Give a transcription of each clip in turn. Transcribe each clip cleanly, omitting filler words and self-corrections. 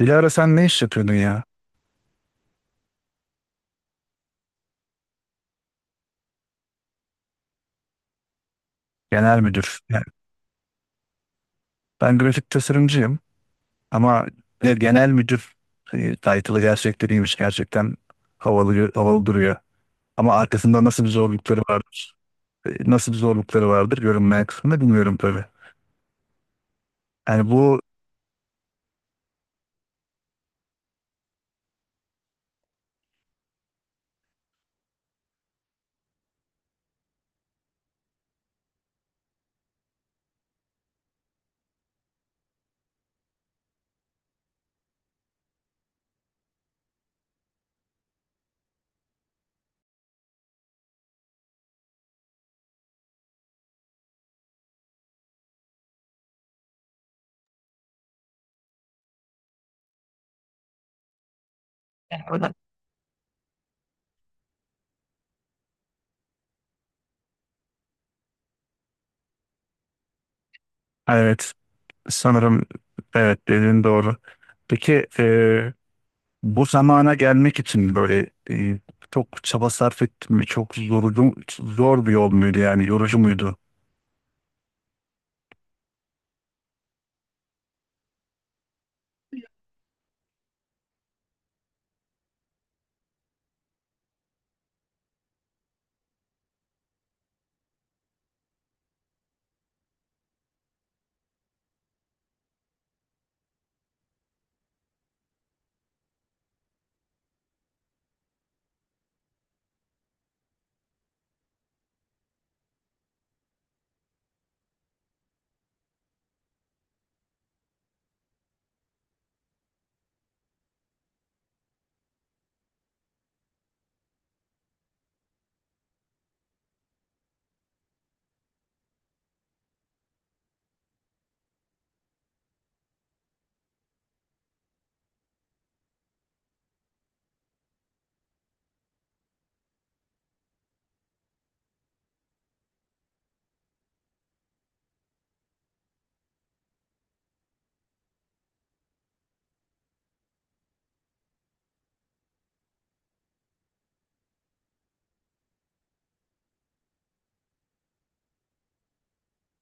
Dilara sen ne iş yapıyordun ya? Genel müdür. Yani ben grafik tasarımcıyım ama ne genel müdür, title'ı gerçekleriymiş gerçekten havalı, havalı duruyor. Ama arkasında nasıl bir zorlukları vardır? Nasıl bir zorlukları vardır, görünmeyen kısmında bilmiyorum tabii. Yani bu, evet, sanırım evet, dediğin doğru. Peki, bu zamana gelmek için böyle çok çaba sarf ettin mi? Çok yorucu, zor bir yol muydu yani yorucu muydu?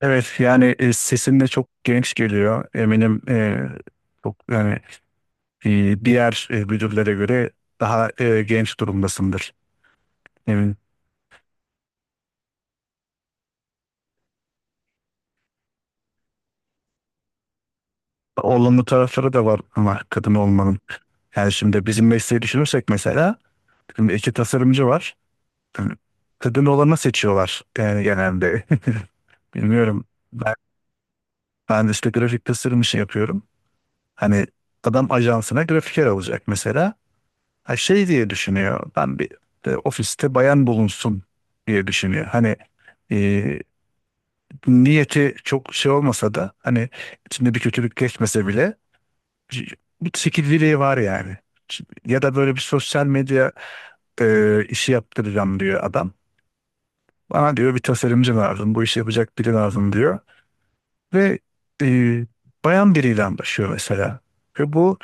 Evet, yani sesin de çok genç geliyor. Eminim, çok yani diğer müdürlere göre daha genç durumdasındır. Eminim. Olumlu tarafları da var ama kadın olmanın. Yani şimdi bizim mesleği düşünürsek, mesela şimdi iki tasarımcı var. Yani kadın olanı seçiyorlar yani genelde. Bilmiyorum. Ben, ben işte grafik tasarım işi yapıyorum. Hani adam ajansına grafiker alacak mesela. Ha, şey diye düşünüyor. Ben bir ofiste bayan bulunsun diye düşünüyor. Hani, e, niyeti çok şey olmasa da, hani içinde bir kötülük geçmese bile c- bu çekiciliği var yani. Ç- Ya da böyle bir sosyal medya işi yaptıracağım diyor adam. Bana diyor bir tasarımcı lazım, bu işi yapacak biri lazım diyor. Ve e, bayan biriyle anlaşıyor mesela. Ve bu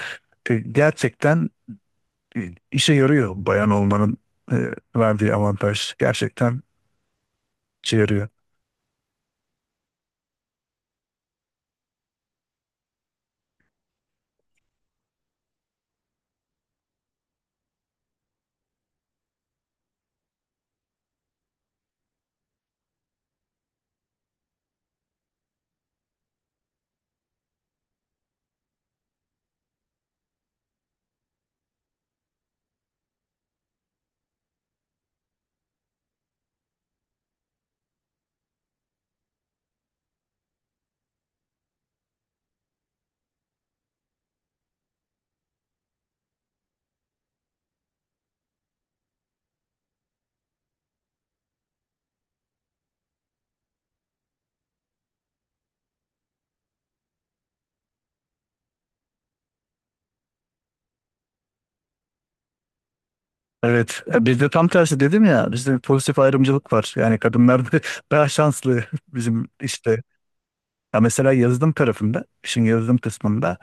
gerçekten e, işe yarıyor bayan olmanın e, verdiği avantaj. Gerçekten işe yarıyor. Evet, bizde tam tersi, dedim ya, bizde pozitif ayrımcılık var. Yani kadınlar da daha şanslı bizim işte. Ya mesela yazılım tarafında, işin yazılım kısmında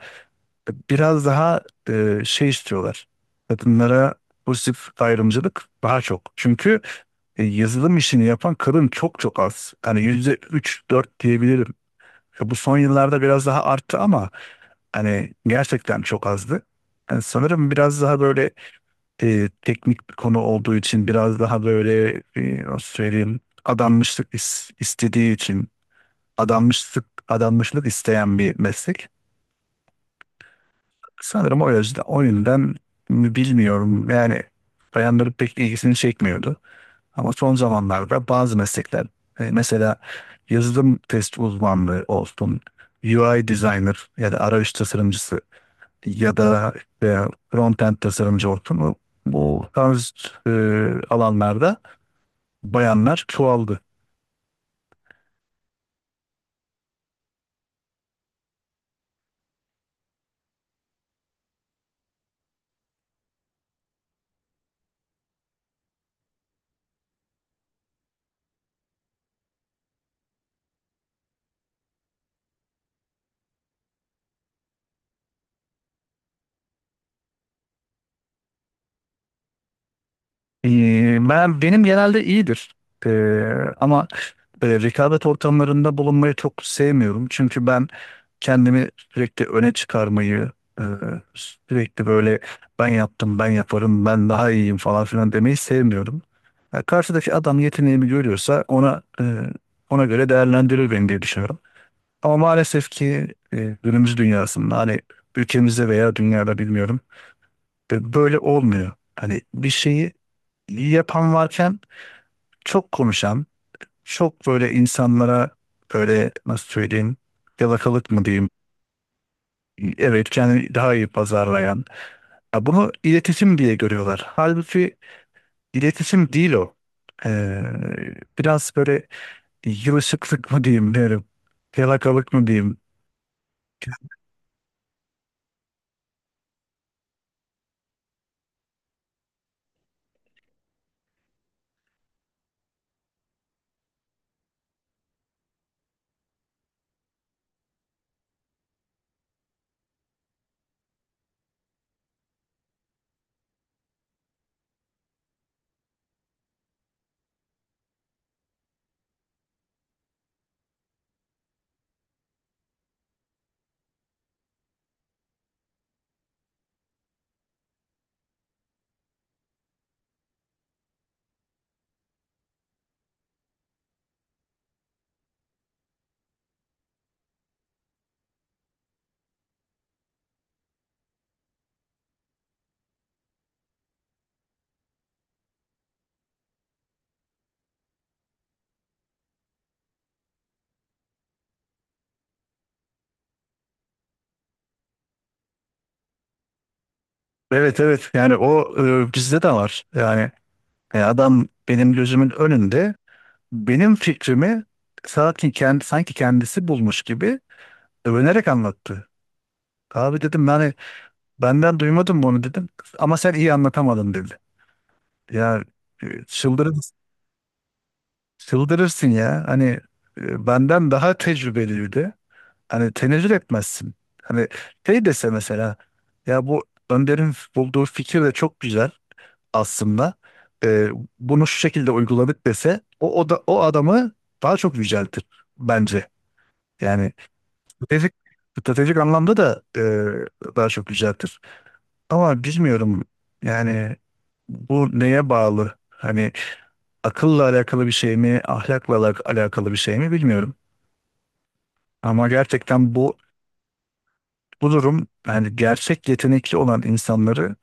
biraz daha şey istiyorlar. Kadınlara pozitif ayrımcılık daha çok. Çünkü yazılım işini yapan kadın çok çok az. Hani %3-4 diyebilirim. Bu son yıllarda biraz daha arttı ama hani gerçekten çok azdı. Yani sanırım biraz daha böyle teknik bir konu olduğu için, biraz daha böyle, nasıl söyleyeyim, adanmışlık istediği için, adanmışlık isteyen bir meslek. Sanırım o yüzden mi bilmiyorum. Yani bayanların pek ilgisini çekmiyordu. Ama son zamanlarda bazı meslekler, mesela yazılım test uzmanlığı olsun, UI designer ya da arayüz tasarımcısı, ya da e, frontend tasarımcı olsun. Bu tarz e, alanlarda bayanlar çoğaldı. Benim genelde iyidir. Ee, ama böyle rekabet ortamlarında bulunmayı çok sevmiyorum. Çünkü ben kendimi sürekli öne çıkarmayı, e, sürekli böyle ben yaptım, ben yaparım, ben daha iyiyim falan filan demeyi sevmiyorum. Ya karşıdaki adam yeteneğimi görüyorsa ona göre değerlendirir beni diye düşünüyorum. Ama maalesef ki günümüz dünyasında, hani ülkemizde veya dünyada bilmiyorum, böyle olmuyor. Hani bir şeyi iyi yapan varken çok konuşan, çok böyle insanlara böyle, nasıl söyleyeyim, yalakalık mı diyeyim? Evet, kendini daha iyi pazarlayan. Ya bunu iletişim diye görüyorlar. Halbuki iletişim değil o. Ee, biraz böyle yılışıklık mı diyeyim derim. Yalakalık mı diyeyim. Evet, evet, yani o, bizde de var. Yani adam benim gözümün önünde benim fikrimi sanki kendisi bulmuş gibi övünerek anlattı. Abi dedim, yani benden duymadın bunu, dedim. Ama sen iyi anlatamadın, dedi. Ya e, çıldırır, çıldırırsın ya. Hani benden daha tecrübeliydi. Hani tenezzül etmezsin. Hani şey dese mesela, ya bu Önder'in bulduğu fikir de çok güzel aslında, E, bunu şu şekilde uyguladık dese, o da o adamı daha çok yüceltir bence. Yani stratejik, stratejik anlamda da daha çok yüceltir. Ama bilmiyorum yani, bu neye bağlı? Hani akılla alakalı bir şey mi, ahlakla alakalı bir şey mi, bilmiyorum. Ama gerçekten bu durum, yani gerçek yetenekli olan insanları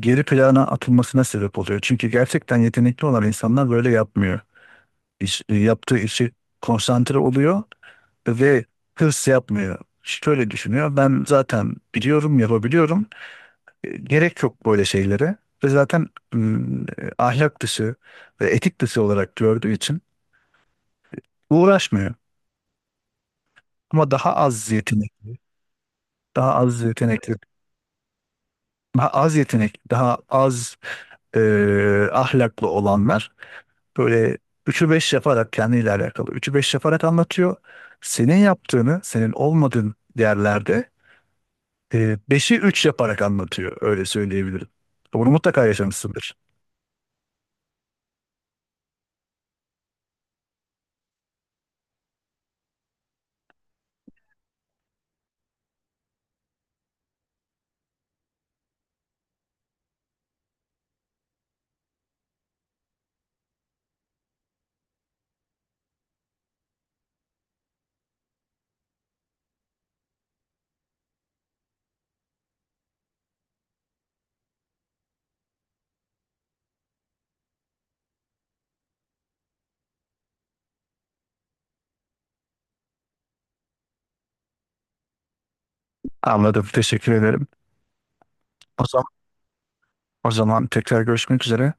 geri plana atılmasına sebep oluyor. Çünkü gerçekten yetenekli olan insanlar böyle yapmıyor. Yaptığı işi konsantre oluyor ve hırs yapmıyor. Şöyle düşünüyor. Ben zaten biliyorum, yapabiliyorum. Gerek yok böyle şeylere, ve zaten ahlak dışı ve etik dışı olarak gördüğü için uğraşmıyor. Ama daha az yetenekli, daha az yetenekli, daha az yetenekli, daha az e, ahlaklı olanlar böyle üçü 5 yaparak, kendiyle alakalı üçü 5 yaparak anlatıyor. Senin yaptığını, senin olmadığın yerlerde 5'i 3 yaparak anlatıyor. Öyle söyleyebilirim. Bunu mutlaka yaşamışsındır. Anladım. Teşekkür ederim. O zaman, o zaman tekrar görüşmek üzere.